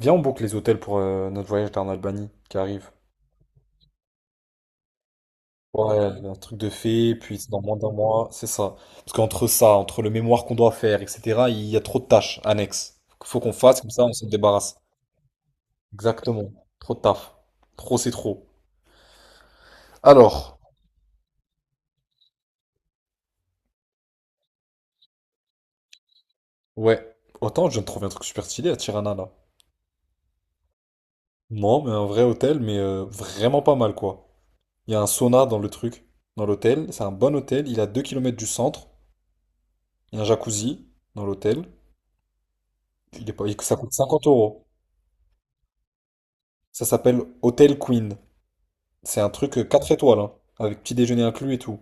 Viens, on boucle les hôtels pour notre voyage en Albanie qui arrive. Ouais, un truc de fait, puis c'est dans moins d'un mois, c'est ça. Parce qu'entre ça, entre le mémoire qu'on doit faire, etc., il y a trop de tâches annexes. Faut qu'on fasse, comme ça on se débarrasse. Exactement. Trop de taf. Trop, c'est trop. Alors, ouais. Autant je viens de trouver un truc super stylé à Tirana, là. Non, mais un vrai hôtel, mais vraiment pas mal, quoi. Il y a un sauna dans le truc, dans l'hôtel. C'est un bon hôtel, il est à 2 kilomètres du centre. Il y a un jacuzzi dans l'hôtel. Il est pas. Ça coûte 50 euros. Ça s'appelle Hotel Queen. C'est un truc 4 étoiles, hein, avec petit déjeuner inclus et tout.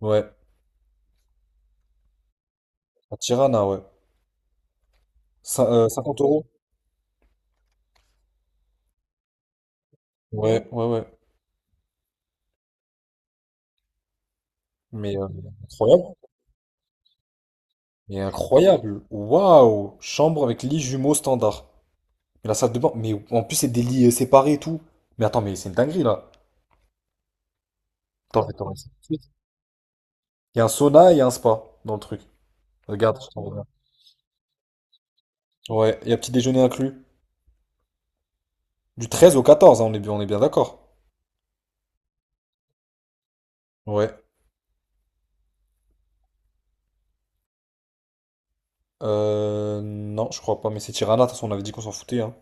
Ouais, à Tirana, ouais. 50 euros? Ouais, ouais, ouais. Mais incroyable. Mais incroyable. Waouh! Chambre avec lit jumeau standard. Et la salle de bain. Mais en plus, c'est des lits séparés et tout. Mais attends, mais c'est une dinguerie là. Attends, je vais. Il y a un sauna et il y a un spa dans le truc. Regarde, je t'envoie. Ouais, il y a petit déjeuner inclus. Du 13 au 14, hein, on est bien d'accord. Ouais. Non, je crois pas, mais c'est Tirana, de toute façon, on avait dit qu'on s'en foutait, hein.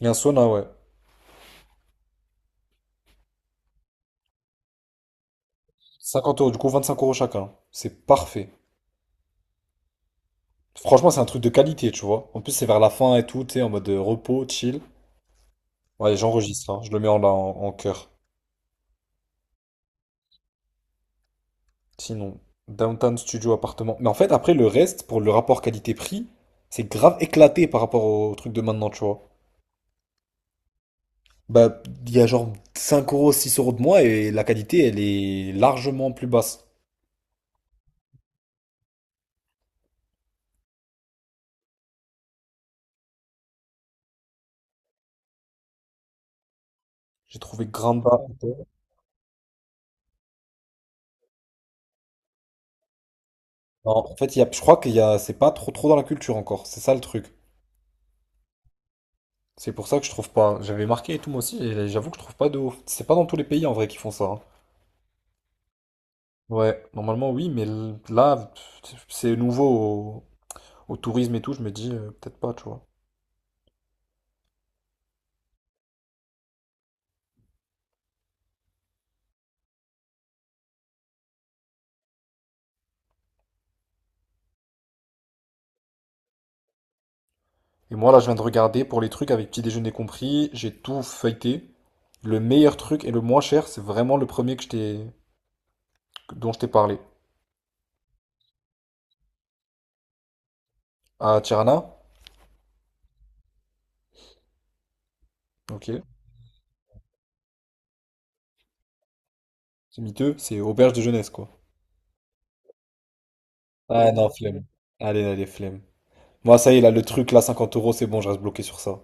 Et un sauna, ouais. 50 euros, du coup, 25 euros chacun. C'est parfait. Franchement, c'est un truc de qualité, tu vois. En plus, c'est vers la fin et tout, tu sais, en mode repos, chill. Ouais, j'enregistre, hein. Je le mets en cœur. Sinon, Downtown Studio appartement. Mais en fait, après, le reste, pour le rapport qualité-prix, c'est grave éclaté par rapport au truc de maintenant, tu vois. Bah, il y a genre 5 euros, 6 euros de moins et la qualité, elle est largement plus basse. J'ai trouvé Granda. Non, en fait, je crois qu'il y a, c'est pas trop trop dans la culture encore. C'est ça le truc. C'est pour ça que je trouve pas. J'avais marqué et tout moi aussi, et j'avoue que je trouve pas de ouf. C'est pas dans tous les pays en vrai qui font ça, hein. Ouais, normalement oui, mais là, pff, c'est nouveau au tourisme et tout. Je me dis peut-être pas, tu vois. Et moi là, je viens de regarder pour les trucs avec petit déjeuner compris. J'ai tout feuilleté. Le meilleur truc et le moins cher, c'est vraiment le premier que dont je t'ai parlé. À Tirana, ok. C'est miteux, c'est auberge de jeunesse quoi. Ah non, flemme. Allez, allez, flemme. Moi, ça y est, là, le truc, là, 50 euros, c'est bon, je reste bloqué sur ça.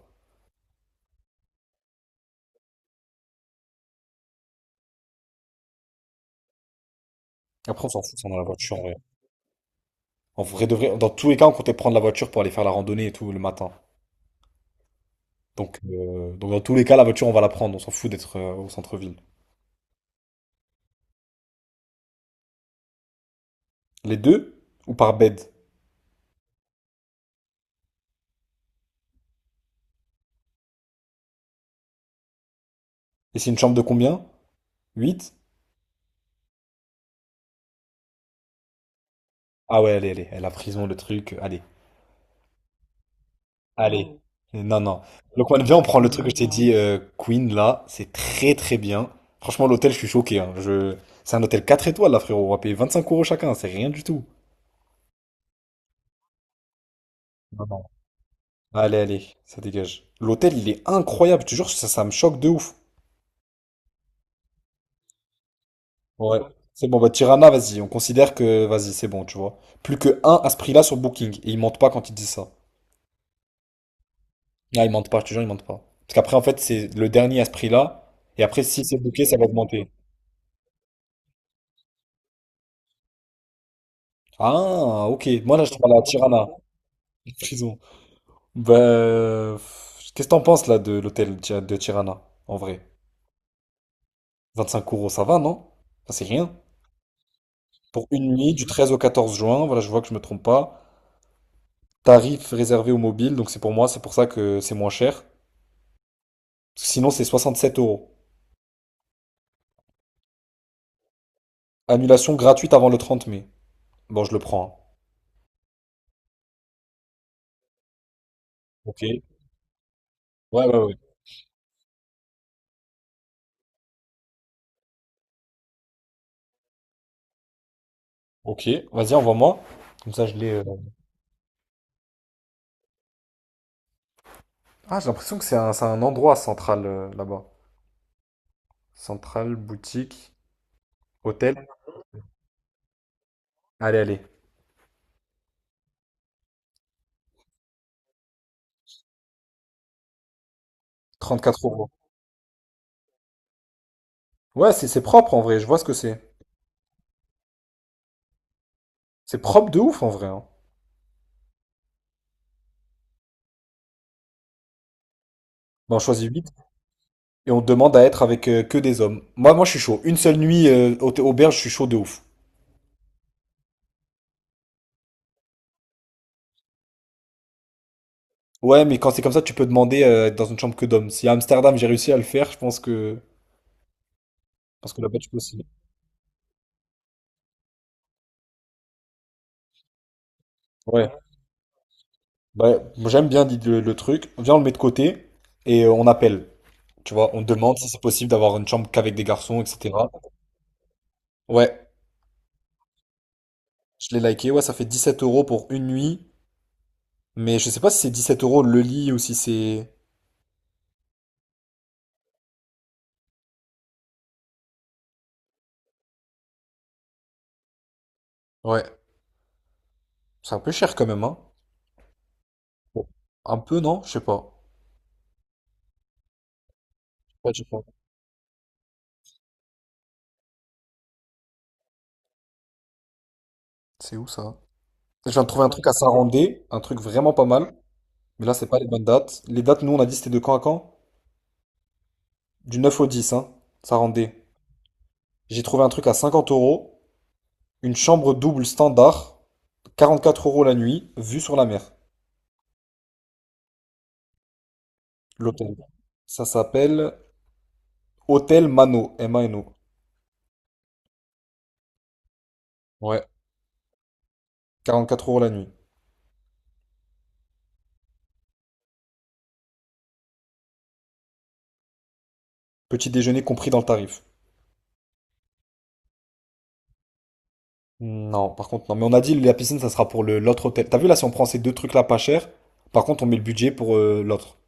Après, on s'en fout, ça dans la voiture, en vrai. En vrai de vrai, dans tous les cas, on comptait prendre la voiture pour aller faire la randonnée et tout le matin. Donc, dans tous les cas, la voiture, on va la prendre. On s'en fout d'être au centre-ville. Les deux ou par bed? Et c'est une chambre de combien? 8. Ah ouais, allez, allez, la prison, le truc, allez, allez. Non. Non, non. Donc, on vient, on prend le truc que je t'ai dit, Queen, là, c'est très, très bien. Franchement, l'hôtel, je suis choqué, hein. Je. C'est un hôtel 4 étoiles, là, frérot. On va payer 25 euros chacun, c'est rien du tout. Non, non. Allez, allez, ça dégage. L'hôtel, il est incroyable, tu jures ça, ça me choque de ouf. Ouais. C'est bon, bah Tirana, vas-y, on considère que, vas-y, c'est bon, tu vois. Plus que un à ce prix-là sur Booking. Et ils mentent pas quand ils disent ça. Ah, ils mentent pas, je te jure, ils mentent pas. Parce qu'après, en fait, c'est le dernier à ce prix-là. Et après, si c'est booké, ça va augmenter. Ah, ok. Moi, là, je te parle à Tirana. Prison. Bah, qu'est-ce que t'en penses, là, de l'hôtel de Tirana, en vrai? 25 euros, ça va, non? Ça, c'est rien. Pour une nuit, du 13 au 14 juin, voilà, je vois que je me trompe pas. Tarif réservé aux mobiles, donc c'est pour moi, c'est pour ça que c'est moins cher. Sinon, c'est 67 euros. Annulation gratuite avant le 30 mai. Bon, je le prends, hein. Ok. Ouais, ouais, ouais. Ok, vas-y, envoie-moi. Comme ça, je l'ai. Ah, j'ai l'impression que c'est un endroit central là-bas. Centrale, boutique, hôtel. Allez, allez. 34 euros. Ouais, c'est propre en vrai, je vois ce que c'est. C'est propre de ouf en vrai, hein. Bon, on choisit 8 et on demande à être avec que des hommes. Moi, je suis chaud. Une seule nuit auberge, je suis chaud de ouf. Ouais, mais quand c'est comme ça, tu peux demander être dans une chambre que d'hommes. Si à Amsterdam j'ai réussi à le faire, je pense que là-bas tu peux aussi. Ouais, bah, moi, j'aime bien le truc. Viens, on le met de côté et on appelle. Tu vois, on demande si c'est possible d'avoir une chambre qu'avec des garçons, etc. Ouais, je l'ai liké. Ouais, ça fait 17 euros pour une nuit. Mais je sais pas si c'est 17 euros le lit ou si c'est. Ouais, c'est un peu cher quand même, hein. Bon. Un peu, non? Je sais pas. C'est où ça? Je viens de trouver un truc à Sarandé, un truc vraiment pas mal. Mais là, c'est pas les bonnes dates. Les dates, nous, on a dit c'était de quand à quand? Du 9 au 10, hein, ça rendait. J'ai trouvé un truc à 50 euros, une chambre double standard, 44 euros la nuit, vue sur la mer, l'hôtel. Ça s'appelle Hôtel Mano, Mano. Ouais, 44 euros la nuit. Petit déjeuner compris dans le tarif. Non, par contre, non. Mais on a dit la piscine, ça sera pour le l'autre hôtel. T'as vu là, si on prend ces deux trucs-là pas cher, par contre, on met le budget pour l'autre.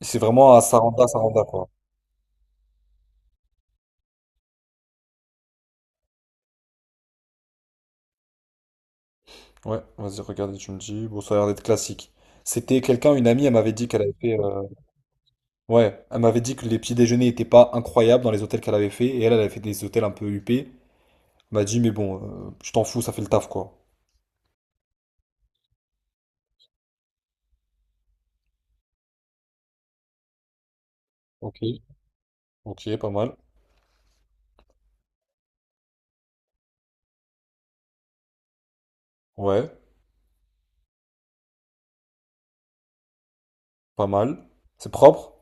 C'est vraiment à Saranda, Saranda, quoi. Ouais, vas-y, regarde, tu me dis. Bon, ça a l'air d'être classique. C'était quelqu'un, une amie, elle m'avait dit qu'elle avait fait. Ouais, elle m'avait dit que les petits déjeuners étaient pas incroyables dans les hôtels qu'elle avait fait, et elle, elle avait fait des hôtels un peu huppés. Elle m'a dit, mais bon, je t'en fous, ça fait le taf, quoi. Ok, ok, pas mal. Ouais, pas mal. C'est propre?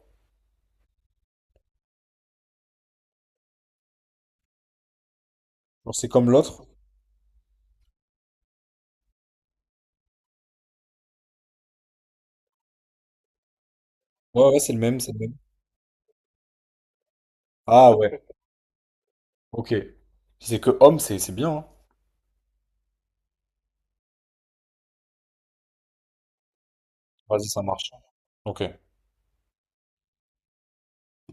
Genre, c'est comme l'autre? Ouais, ouais, c'est le même, c'est le même. Ah ouais, ok. Si c'est que homme, c'est bien, hein. Vas-y, ça marche. Ok.